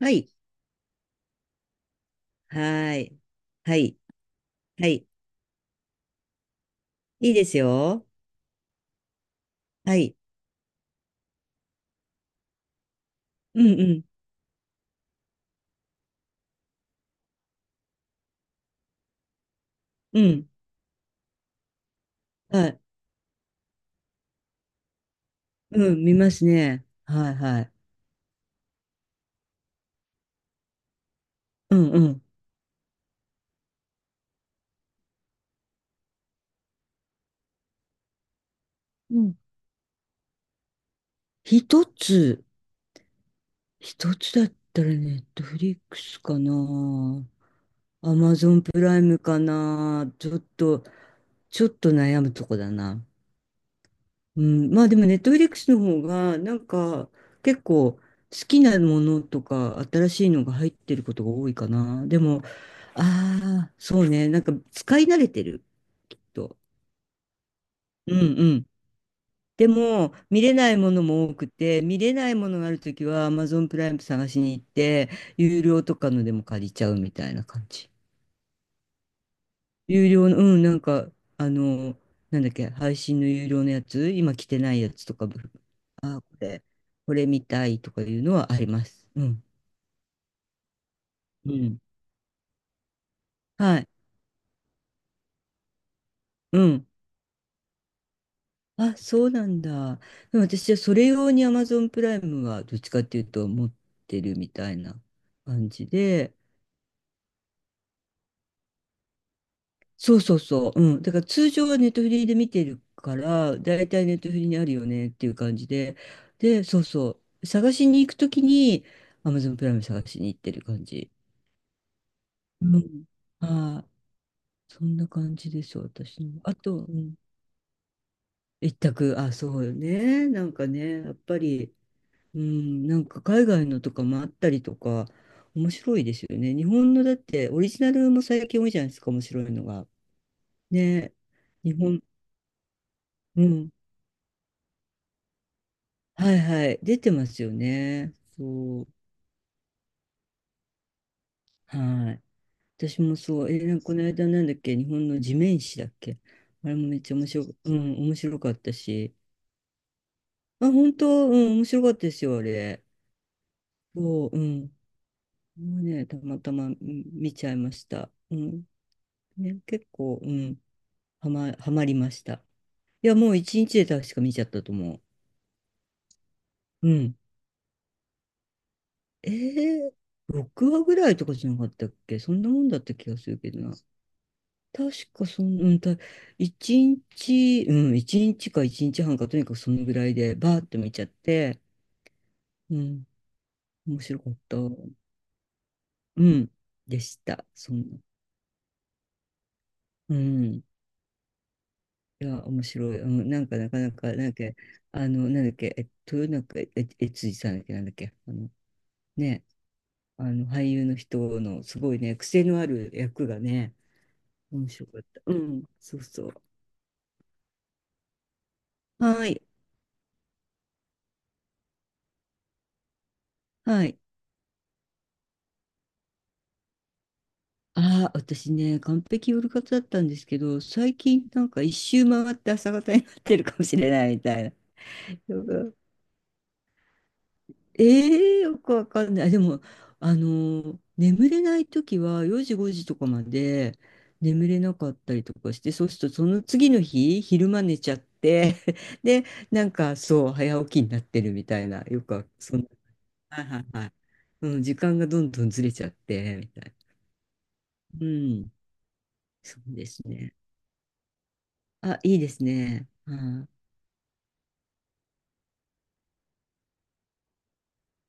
はい。はーい。はい。はい。いいですよ。はい。うんうん。うん。はい。うん。見ますね。はいはい。うんうん。うん。一つ。一つだったらネットフリックスかな。アマゾンプライムかな。ちょっと悩むとこだな。うん、まあでもネットフリックスの方が結構好きなものとか新しいのが入ってることが多いかな。でも、ああ、そうね。なんか使い慣れてる、きっと。うんうん。でも見れないものも多くて、見れないものがあるときは Amazon プライム探しに行って、有料とかのでも借りちゃうみたいな感じ。有料の、うん、なんかあの、なんだっけ、配信の有料のやつ、今来てないやつとかで、これ見たいとかいうのはあります。うん。うん。はい。うん。あ、そうなんだ。でも私はそれ用に Amazon プライムはどっちかっていうと持ってるみたいな感じで。そうそうそう。うん。だから通常はネットフリーで見てるから、だいたいネットフリーにあるよねっていう感じで。で、そうそう。探しに行くときに Amazon プライム探しに行ってる感じ。うん。ああ、そんな感じです、私の。あと、うん一択、あ、そうよね。なんかね、やっぱり、うん、なんか海外のとかもあったりとか、面白いですよね。日本のだって、オリジナルも最近多いじゃないですか、面白いのが。ね、日本、うん、はいはい、出てますよね。そう、はい。私もそう、なんかこの間なんだっけ、日本の地面師だっけ。あれもめっちゃ面白、うん、面白かったし。あ、本当、うん、面白かったですよ、あれ。そう、うん。もうね、たまたま、うん見ちゃいました。うん。ね、結構、うん。はま、はまりました。いや、もう一日で確か見ちゃったと思う。うん。えー、6話ぐらいとかじゃなかったっけ。そんなもんだった気がするけどな。確かそん、うん、た、一日、うん、一日か一日半か、とにかくそのぐらいで、バーッと見ちゃって、うん、面白かった。うん、でした。そんな。うん。いや、面白い。うん、なんか、なかなか、なんだっけ、なんだっけ、え、豊中え悦司さんだっけ、なんだっけ、あの、ね、あの、俳優の人の、すごいね、癖のある役がね、面白かった。うん、そうそう。はい、はい。ああ、私ね、完璧夜活だったんですけど、最近、なんか一周回って朝方になってるかもしれないみたいな。よくわかんない。あでも、あの、眠れないときは4時5時とかまで眠れなかったりとかして、そうするとその次の日、昼間寝ちゃって、で、なんかそう、早起きになってるみたいな、よくわそんな、はいはいはい。うん、時間がどんどんずれちゃって、みたいな。うん、そうですね。あ、いいですね。は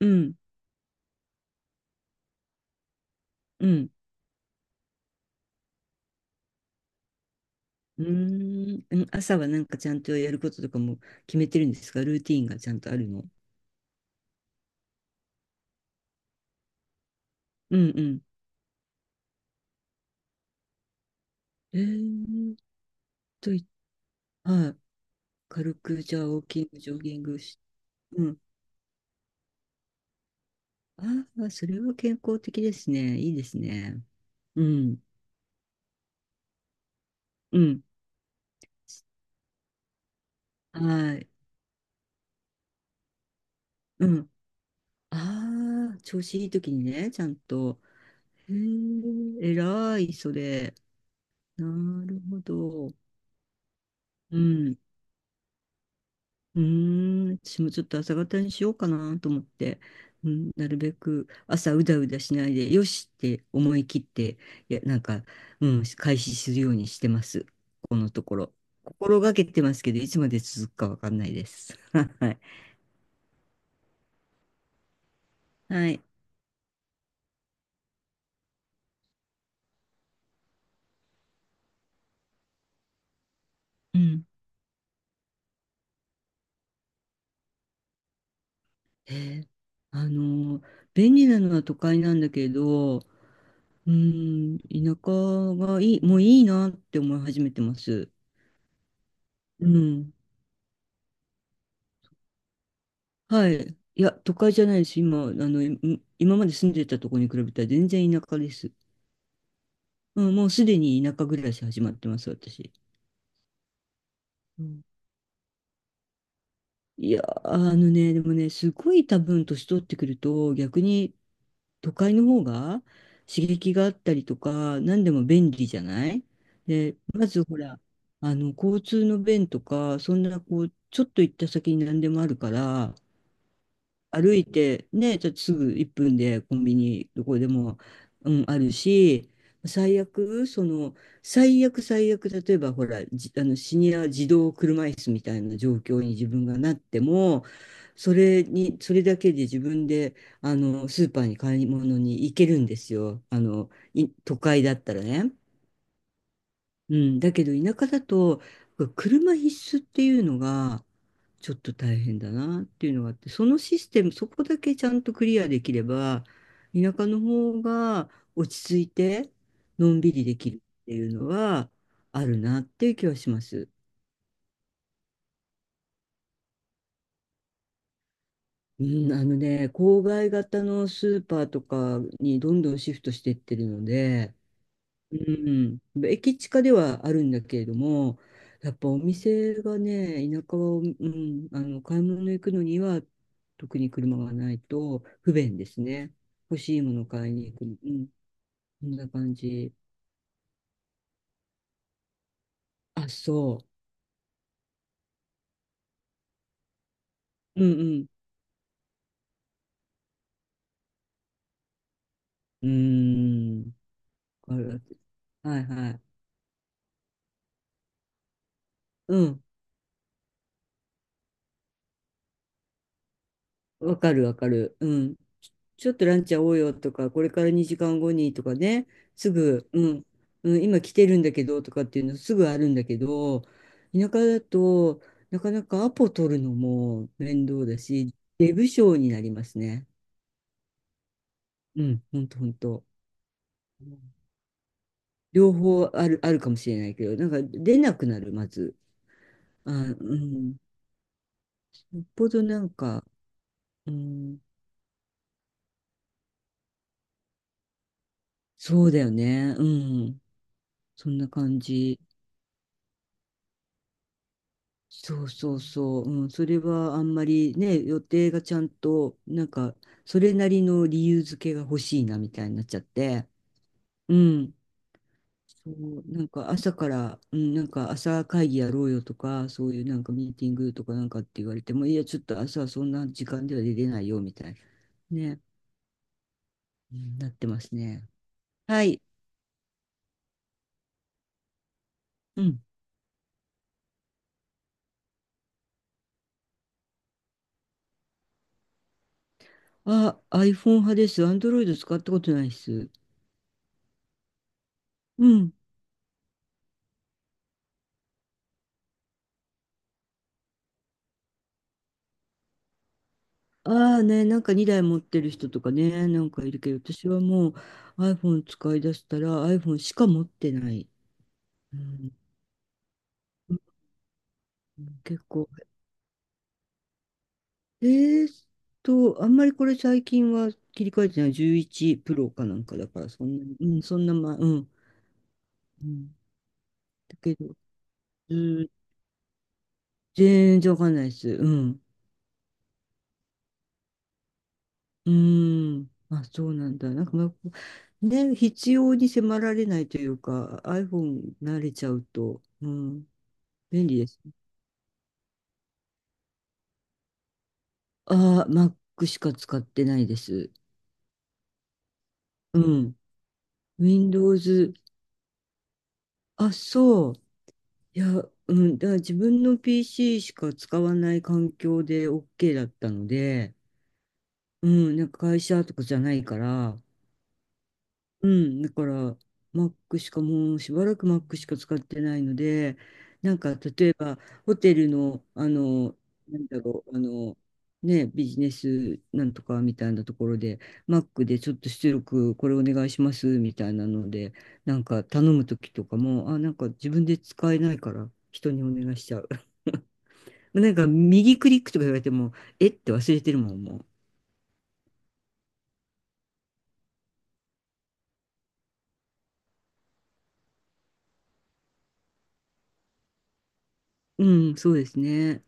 い、うん、うん。うーん、うん、朝はなんかちゃんとやることとかも決めてるんですか？ルーティーンがちゃんとあるの？うんうん。えーっい、はい。軽くじゃあ、ウォーキング、ジョギングし、うん。ああ、それは健康的ですね。いいですね。うん。うん。はい。うん。ああ、調子いい時にね、ちゃんと。へえ、偉い、それ。なるほど。うん。うーん、私もちょっと朝方にしようかなと思って、うん、なるべく朝うだうだしないで、よしって思い切って、いや、なんか、うん、開始するようにしてます。このところ。心がけてますけど、いつまで続くかわかんないです。はい。はい。うん。えーあのー、便利なのは都会なんだけど、うん、田舎がいい、もういいなって思い始めてます。うん。はい。いや、都会じゃないです。今、あの、い今まで住んでたところに比べたら全然田舎です。うん、もうすでに田舎暮らし始まってます、私。うん、いや、あのね、でもね、すごい多分年取ってくると、逆に都会の方が刺激があったりとか、何でも便利じゃない。で、まずほら、あの、交通の便とか、そんなこう、ちょっと行った先に何でもあるから、歩いてね、ちょっとすぐ1分でコンビニどこでも、うん、あるし、最悪、その、最悪最悪、例えばほら、じ、あの、シニア児童車椅子みたいな状況に自分がなっても、それに、それだけで自分で、あの、スーパーに買い物に行けるんですよ。あの、い都会だったらね。うん、だけど田舎だと車必須っていうのがちょっと大変だなっていうのがあって、そのシステム、そこだけちゃんとクリアできれば田舎の方が落ち着いてのんびりできるっていうのはあるなっていう気はします。うん、あのね、郊外型のスーパーとかにどんどんシフトしてってるので、うん、駅近ではあるんだけれども、やっぱお店がね、田舎は、うん、あの、買い物行くのには、特に車がないと不便ですね。欲しいもの買いに行くの。うん、こんな感じ。あ、そう。うんうん。うーん。ある。はいはい。うん。わかるわかる。うん。ち、ちょっとランチ会おうよとか、これから2時間後にとかね、すぐ、うん、うん、今来てるんだけどとかっていうのすぐあるんだけど、田舎だとなかなかアポ取るのも面倒だし、出不精になりますね。うん、ほんとほんと。うん、両方ある、あるかもしれないけど、なんか出なくなる、まず。あ、うん。よっぽどなんか、うん、そうだよね。うん。そんな感じ。そうそうそう、うん、それはあんまりね、予定がちゃんと、なんか、それなりの理由付けが欲しいなみたいになっちゃって、うん、そう、なんか朝から、うん、なんか朝会議やろうよとか、そういうなんかミーティングとかなんかって言われても、いや、ちょっと朝はそんな時間では出れないよみたいな、ね、うん、なってますね。はい、うん。あ、iPhone 派です。Android 使ったことないです。うん。ああね、なんか2台持ってる人とかね、なんかいるけど、私はもう iPhone 使い出したら iPhone しか持ってない。うん、うん、結構。えーっと、あんまりこれ最近は切り替えてない11プロかなんかだから、そんなに、うん、そんなま、うん。うん、だけど、うー、全然わかんないです。うん。うん。あ、そうなんだ。なんか、まあね、必要に迫られないというか、iPhone 慣れちゃうと、うん、便利です。ああ、Mac しか使ってないです。うん。Windows。あ、そう。いや、うん。だから自分の PC しか使わない環境で OK だったので、うん。なんか会社とかじゃないから、うん、だから Mac しかもうしばらく Mac しか使ってないので、なんか例えばホテルの、あの、なんだろう、あの、ね、ビジネスなんとかみたいなところで、Mac でちょっと出力これお願いしますみたいなので、なんか頼むときとかも、あ、なんか自分で使えないから人にお願いしちゃう。なんか右クリックとか言われても、えって忘れてるもん、もう。うん、そうですね。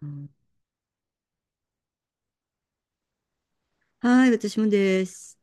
うん、はい、私もです。